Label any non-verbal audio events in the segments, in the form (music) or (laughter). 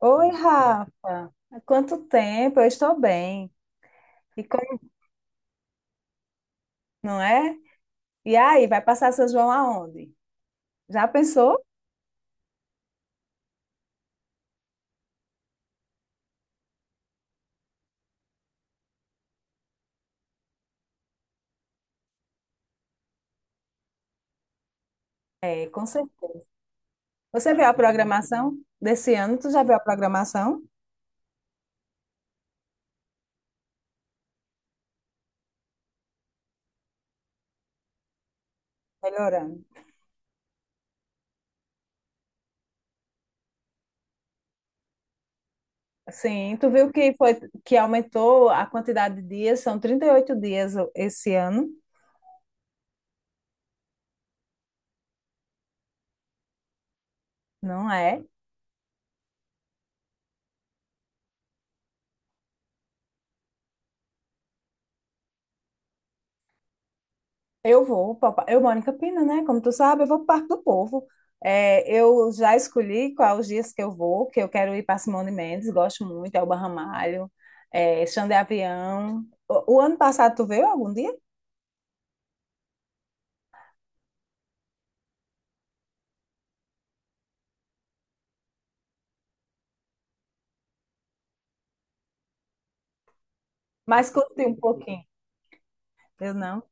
Oi, Rafa. Há quanto tempo? Eu estou bem. E como, não é? E aí, vai passar São João aonde? Já pensou? É, com certeza. Você viu a programação desse ano? Tu já viu a programação? Melhorando. Sim, tu viu que foi que aumentou a quantidade de dias, são 38 dias esse ano, não é? Eu vou, papai. Eu moro em Campina, né? Como tu sabe, eu vou para o Parque do Povo. É, eu já escolhi quais os dias que eu vou, que eu quero ir para Simone Mendes, gosto muito, Elba Ramalho, Xande de Avião. O ano passado tu veio algum dia? Mas curti um pouquinho. Eu não.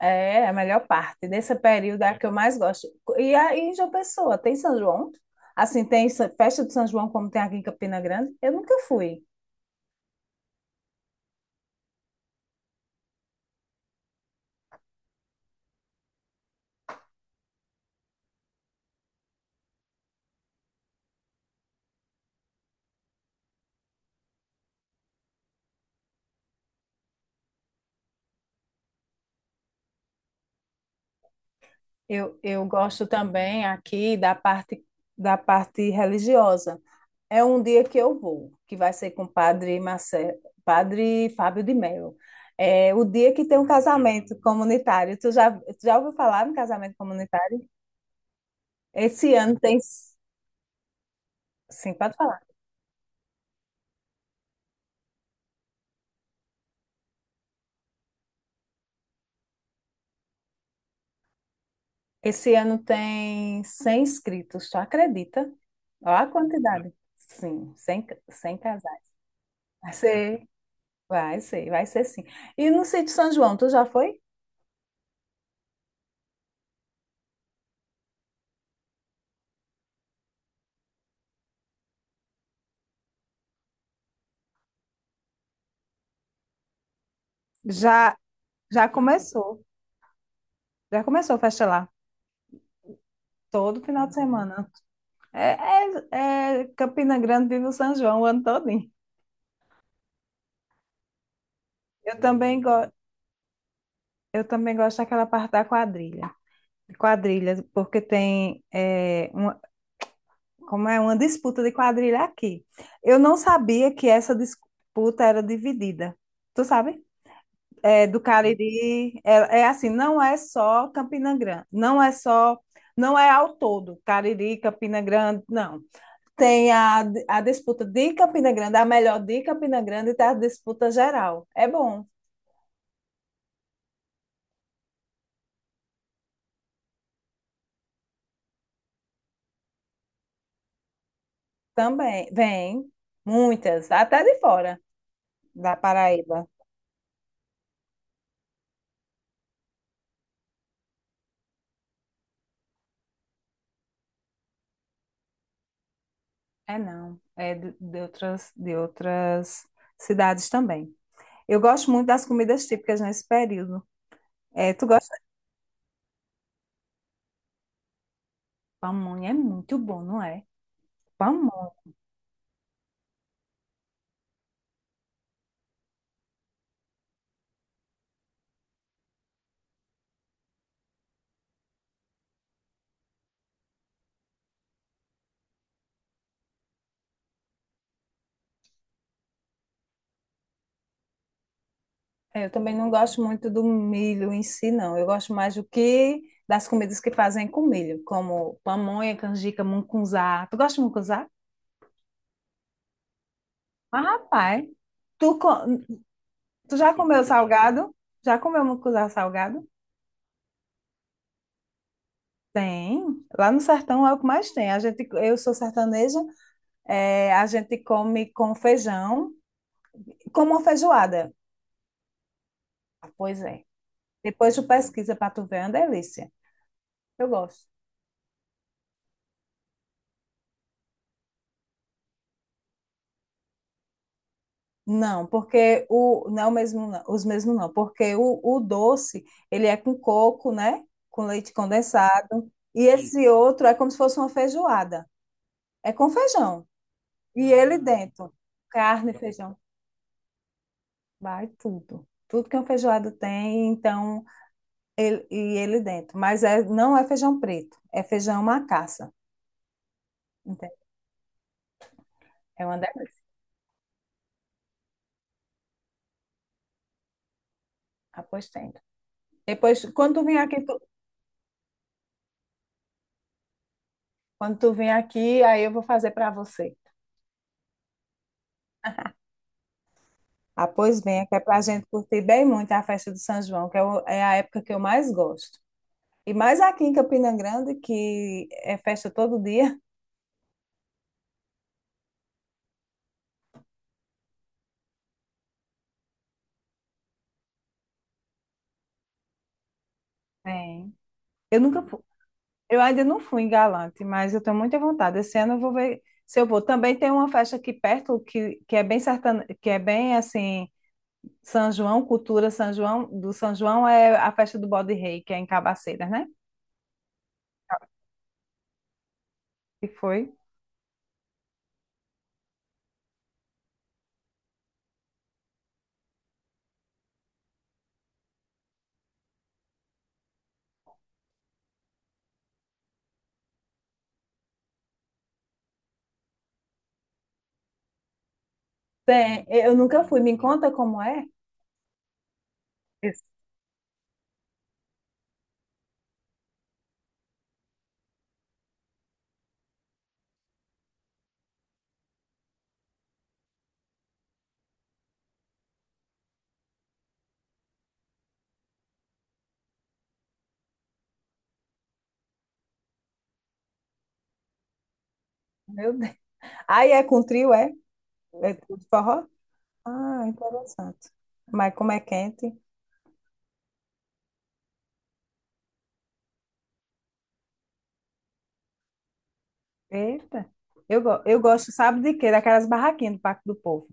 É a melhor parte desse período é a que eu mais gosto. E aí, em João Pessoa, tem São João? Assim, tem essa festa de São João como tem aqui em Campina Grande? Eu nunca fui. Eu gosto também aqui da parte religiosa. É um dia que eu vou, que vai ser com o padre Marcelo, padre Fábio de Mello. É o dia que tem um casamento comunitário. Tu já ouviu falar no casamento comunitário? Esse ano tem. Sim, pode falar. Esse ano tem 100 inscritos, tu acredita? Olha a quantidade. Sim, 100, 100 casais. Vai ser, Vai ser sim. E no sítio São João, tu já foi? Já. Já começou. Já começou a festa lá. Todo final de semana. É, é Campina Grande, vive o São João o ano todinho. Eu também, go eu também gosto daquela parte da quadrilha. Quadrilha, porque tem é, uma, como é uma disputa de quadrilha aqui. Eu não sabia que essa disputa era dividida. Tu sabe? É, do Cariri, é assim, não é só Campina Grande, não é ao todo, Cariri, Campina Grande, não. Tem a, a disputa de Campina Grande, a melhor de Campina Grande, e tá a disputa geral. É bom também. Vem muitas, até de fora da Paraíba. É não, é de outras cidades também. Eu gosto muito das comidas típicas nesse período. É, tu gosta? Pamonha é muito bom, não é? Pamonha. É, eu também não gosto muito do milho em si, não. Eu gosto mais do que das comidas que fazem com milho, como pamonha, canjica, mungunzá. Tu gosta de mungunzá? Mas, rapaz, tu, co- tu já comeu salgado? Já comeu mucuzá salgado? Tem. Lá no sertão é o que mais tem. A gente, eu sou sertaneja, a gente come com feijão, como uma feijoada. Ah, pois é. Depois tu pesquisa para tu ver, é uma delícia. Eu gosto. Não, porque o não é o mesmo não, os mesmos não, porque o doce, ele é com coco, né? Com leite condensado, e sim, esse outro é como se fosse uma feijoada. É com feijão. E ele dentro, carne, feijão, vai tudo. Tudo que um feijoado tem, então, ele dentro. Mas é, não é feijão preto, é feijão macaça. Entende? É uma delícia, apostendo. Depois, quando tu vir aqui, aí eu vou fazer para você. Ah, pois venha, que é para a gente curtir bem muito a festa do São João, é a época que eu mais gosto. E mais aqui em Campina Grande, que é festa todo dia. Tem. Eu nunca fui. Eu ainda não fui em Galante, mas eu tenho muita vontade. Esse ano eu vou ver se eu vou. Também tem uma festa aqui perto que é bem sertane... que é bem assim, São João, cultura São João, do São João é a festa do Bode Rei, que é em Cabaceiras, né? Que foi. Tem, eu nunca fui. Me conta como é? Isso. Meu Deus. Aí é com trio, é? É tudo forró? Ah, interessante. Mas como é quente? Eita. Eu gosto, sabe de quê? Daquelas barraquinhas do Parque do Povo,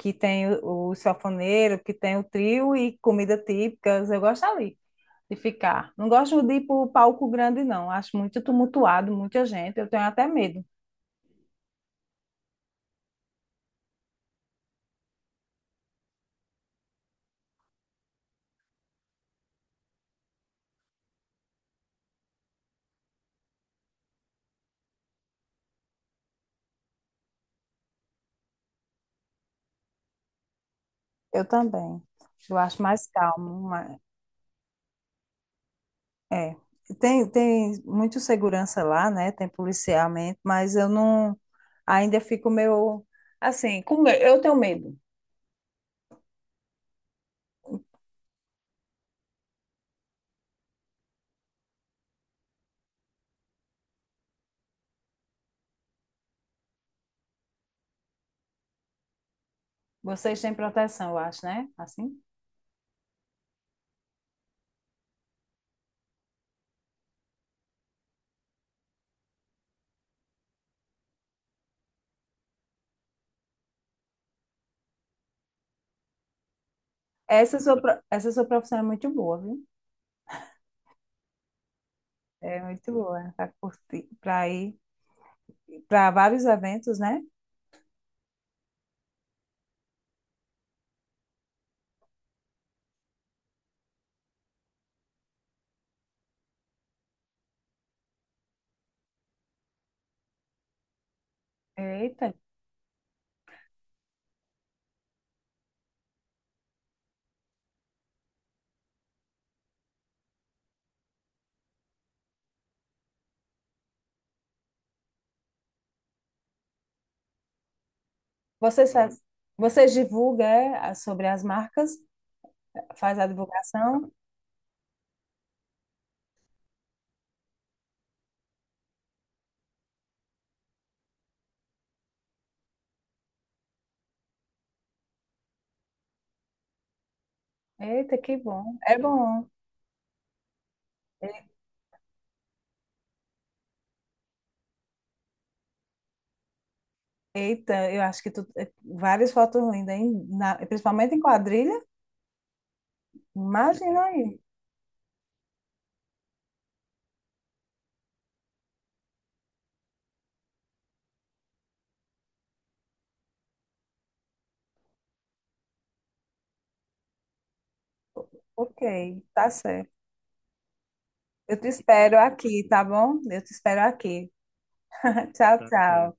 que tem o sanfoneiro, que tem o trio e comida típicas. Eu gosto ali de ficar. Não gosto de ir para o palco grande, não. Acho muito tumultuado, muita gente. Eu tenho até medo. Eu também. Eu acho mais calmo. É. Tem muito segurança lá, né? Tem policiamento, mas eu não. Ainda fico meio. Assim, eu tenho medo. Vocês têm proteção, eu acho, né? Assim. Essa sua profissão é muito boa, viu? É muito boa para curtir, para ir, para vários eventos, né? Eita. Vocês, faz- vocês divulgam sobre as marcas, faz a divulgação. Eita, que bom. É bom. Eita, eu acho que tu várias fotos lindas, hein? Principalmente em quadrilha. Imagina aí. Ok, tá certo. Eu te espero aqui, tá bom? Eu te espero aqui. (laughs) Tchau, tchau.